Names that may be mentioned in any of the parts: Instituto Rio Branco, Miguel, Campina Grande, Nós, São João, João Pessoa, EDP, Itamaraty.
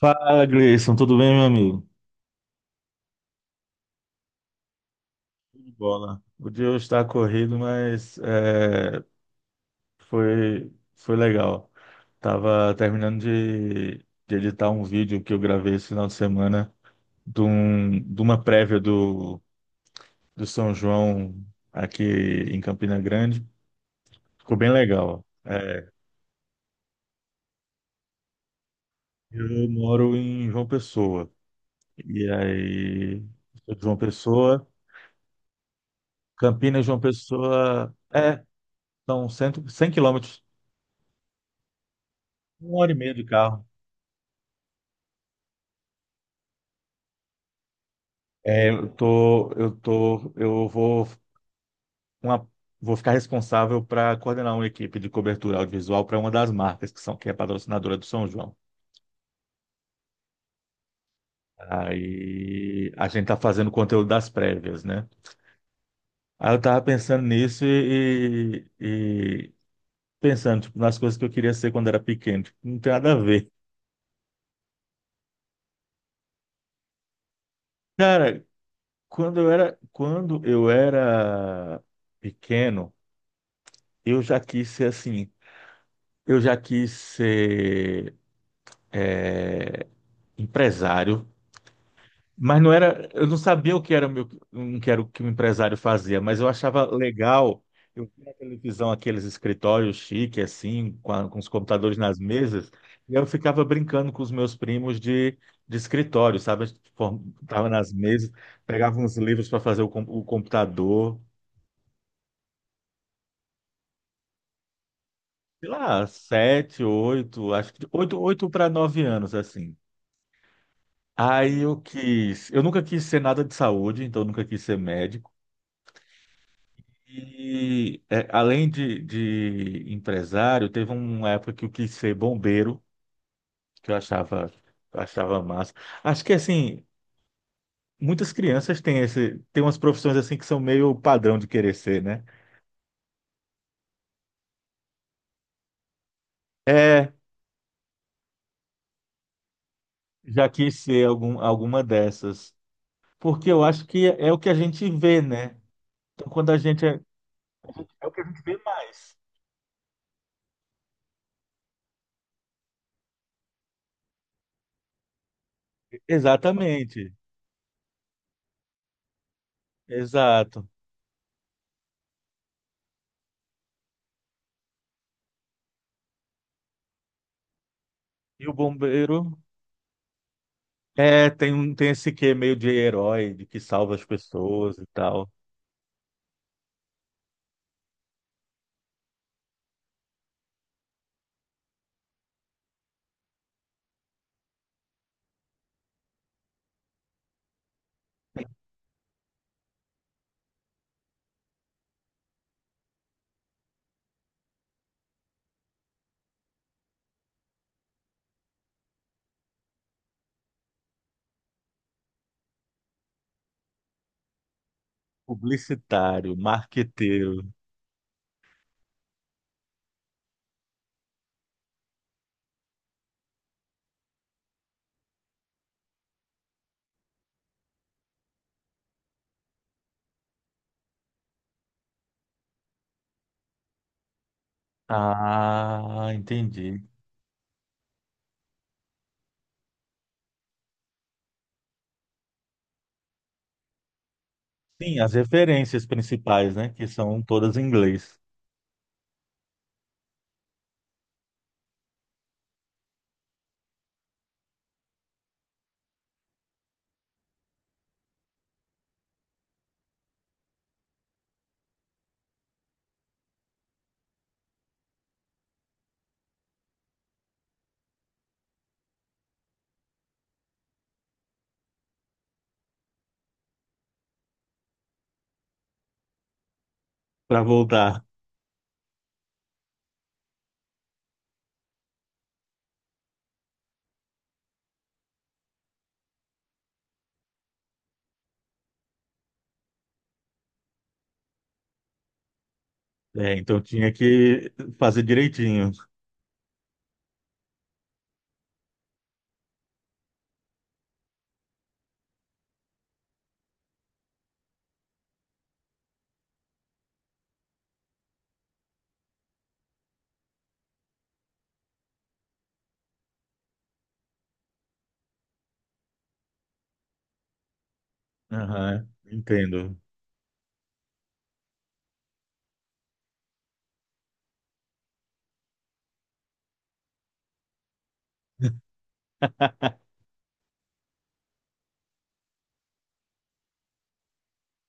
Fala, Gleison, tudo bem, meu amigo? Tudo de Bola. O dia hoje está corrido, mas foi legal. Tava terminando de editar um vídeo que eu gravei esse final de semana de uma prévia do São João aqui em Campina Grande. Ficou bem legal. É, eu moro em João Pessoa. E aí, sou de João Pessoa, Campinas, João Pessoa, são 100, 100 quilômetros. Uma hora e meia de carro. É, eu tô, eu tô, eu vou, uma, vou ficar responsável para coordenar uma equipe de cobertura audiovisual para uma das marcas que é patrocinadora do São João. Aí a gente tá fazendo conteúdo das prévias, né? Aí eu tava pensando nisso e pensando tipo, nas coisas que eu queria ser quando era pequeno. Tipo, não tem nada a ver. Cara, quando eu era pequeno, eu já quis ser assim. Eu já quis ser empresário, mas não era, eu não sabia o que era o meu, não que era o que o empresário fazia, mas eu achava legal. Eu vi na televisão aqueles escritórios chique assim, com os computadores nas mesas, e eu ficava brincando com os meus primos de escritório, sabe? A gente tava nas mesas, pegava uns livros para fazer o computador, sei lá, sete, oito, acho que de oito, 8 para 9 anos assim. Aí eu quis, eu nunca quis ser nada de saúde, então eu nunca quis ser médico. E é, além de empresário, teve uma época que eu quis ser bombeiro, que eu achava massa. Acho que assim, muitas crianças têm umas profissões assim que são meio padrão de querer ser, né? É, já quis ser algum, alguma dessas. Porque eu acho que é o que a gente vê, né? Então, quando a gente é, é o que a gente vê mais. Exatamente, exato. E o bombeiro. Tem esse quê meio de herói, de que salva as pessoas e tal. Publicitário, marqueteiro. Ah, entendi. Sim, as referências principais, né? Que são todas em inglês. Para voltar. É, então tinha que fazer direitinho. Aham, entendo.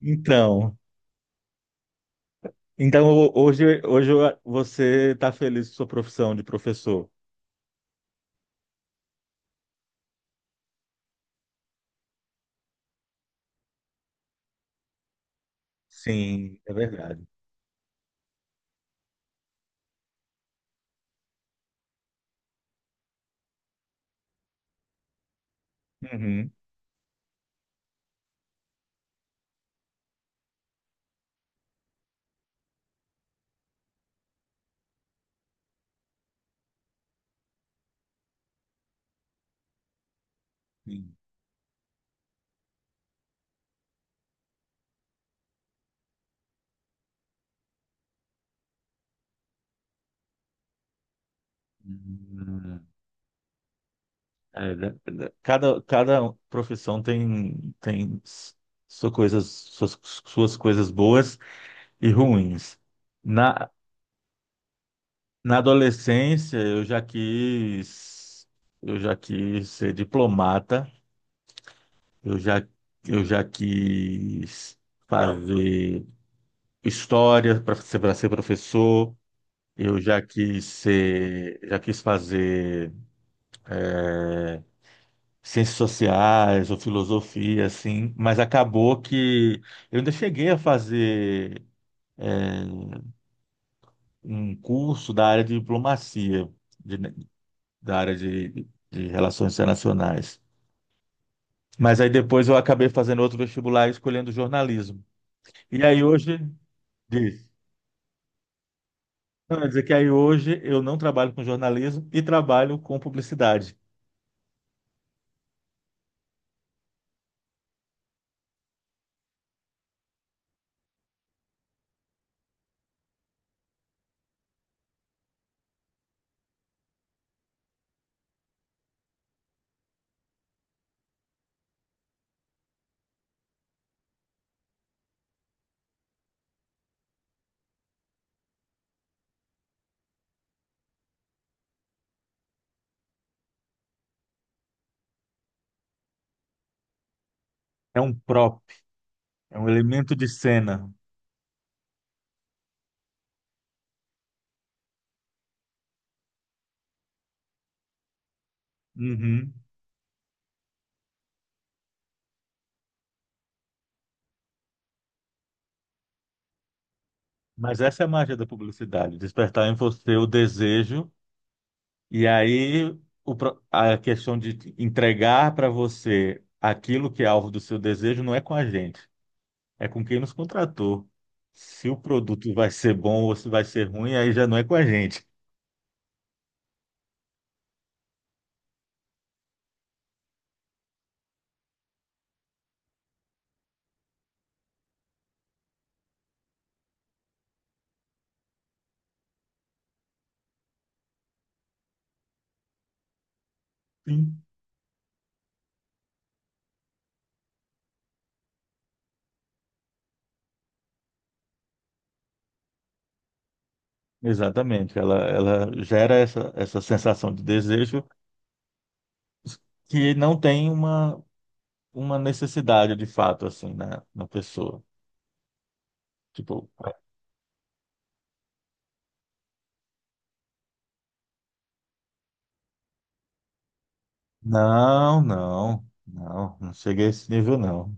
Então, então, hoje, você está feliz com sua profissão de professor? Sim, é verdade. Uhum. Sim. É, cada, cada profissão tem, tem sua coisas, suas, suas coisas boas e ruins. Na, na adolescência, eu já quis ser diplomata, eu já, eu já quis fazer história para ser professor, eu já quis ser, já quis fazer ciências sociais ou filosofia, assim, mas acabou que eu ainda cheguei a fazer um curso da área de diplomacia, de- da área de relações internacionais. Mas aí depois eu acabei fazendo outro vestibular e escolhendo jornalismo. E aí hoje, diz, não, quer dizer que aí hoje eu não trabalho com jornalismo e trabalho com publicidade. É um prop, é um elemento de cena. Uhum. Mas essa é a magia da publicidade, despertar em você o desejo. E aí a questão de entregar para você aquilo que é alvo do seu desejo não é com a gente, é com quem nos contratou. Se o produto vai ser bom ou se vai ser ruim, aí já não é com a gente. Sim. Exatamente, ela gera essa, essa sensação de desejo que não tem uma necessidade de fato assim na, na pessoa. Tipo, não, não, não, não cheguei a esse nível, não.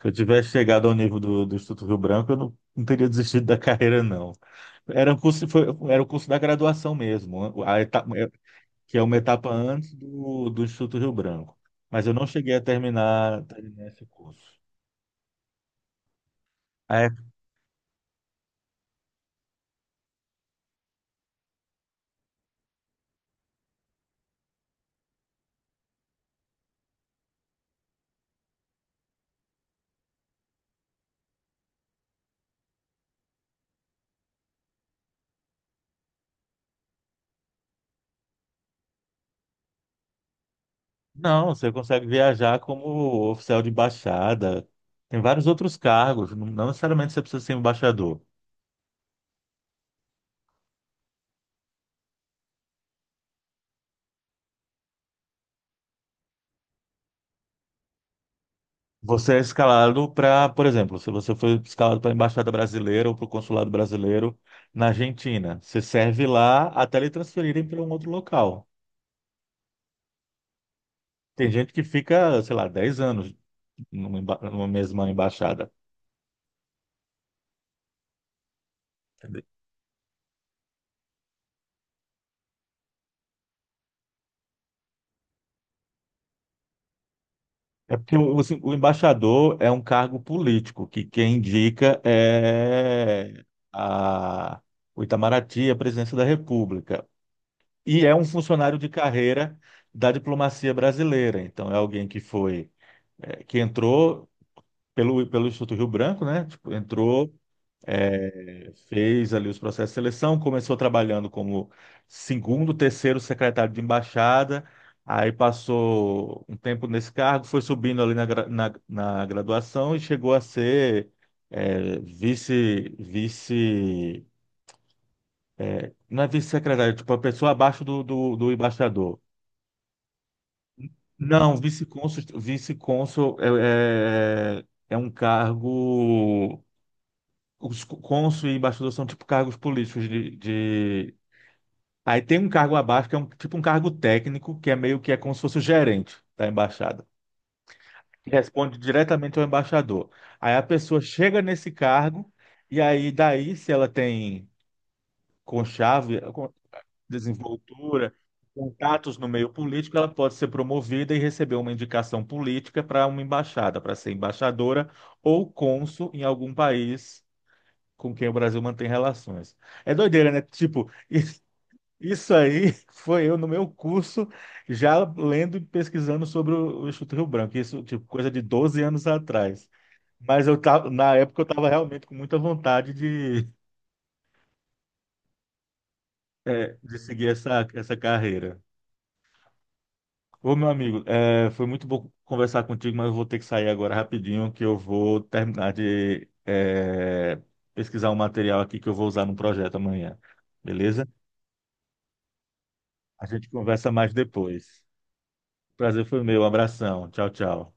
Se eu tivesse chegado ao nível do Instituto Rio Branco, eu não, não teria desistido da carreira, não. Era um curso, foi, era o curso da graduação mesmo, que é uma etapa antes do Instituto Rio Branco. Mas eu não cheguei a terminar, terminar esse curso. É, não, você consegue viajar como oficial de embaixada. Tem vários outros cargos, não não necessariamente você precisa ser embaixador. Você é escalado para, por exemplo, se você foi escalado para a Embaixada Brasileira ou para o Consulado Brasileiro na Argentina, você serve lá até lhe transferirem para um outro local. Tem gente que fica, sei lá, 10 anos numa mesma embaixada. Entendeu? É porque o, assim, o embaixador é um cargo político, que quem indica é a, o Itamaraty, a presidência da República. E é um funcionário de carreira da diplomacia brasileira. Então, é alguém que foi é, que entrou pelo Instituto Rio Branco, né? Tipo, entrou, é, fez ali os processos de seleção, começou trabalhando como segundo, terceiro secretário de embaixada, aí passou um tempo nesse cargo, foi subindo ali na, na graduação e chegou a ser é, não é vice-secretário, tipo, a pessoa abaixo do embaixador. Não, vice-cônsul, vice-cônsul é, é, é um cargo os cônsul e embaixador são tipo cargos políticos Aí tem um cargo abaixo que é um, tipo um cargo técnico, que é meio que é como se fosse o gerente da embaixada. Que responde diretamente ao embaixador. Aí a pessoa chega nesse cargo e aí daí se ela tem conchave, con- desenvoltura, contatos no meio político, ela pode ser promovida e receber uma indicação política para uma embaixada, para ser embaixadora ou cônsul em algum país com quem o Brasil mantém relações. É doideira, né? Tipo, isso aí foi eu no meu curso, já lendo e pesquisando sobre o Instituto Rio Branco, isso, tipo, coisa de 12 anos atrás. Mas eu tava, na época eu estava realmente com muita vontade de, é, de seguir essa, essa carreira. Ô, meu amigo, é, foi muito bom conversar contigo, mas eu vou ter que sair agora rapidinho, que eu vou terminar de pesquisar um material aqui que eu vou usar no projeto amanhã. Beleza? A gente conversa mais depois. Prazer foi meu. Abração. Tchau, tchau.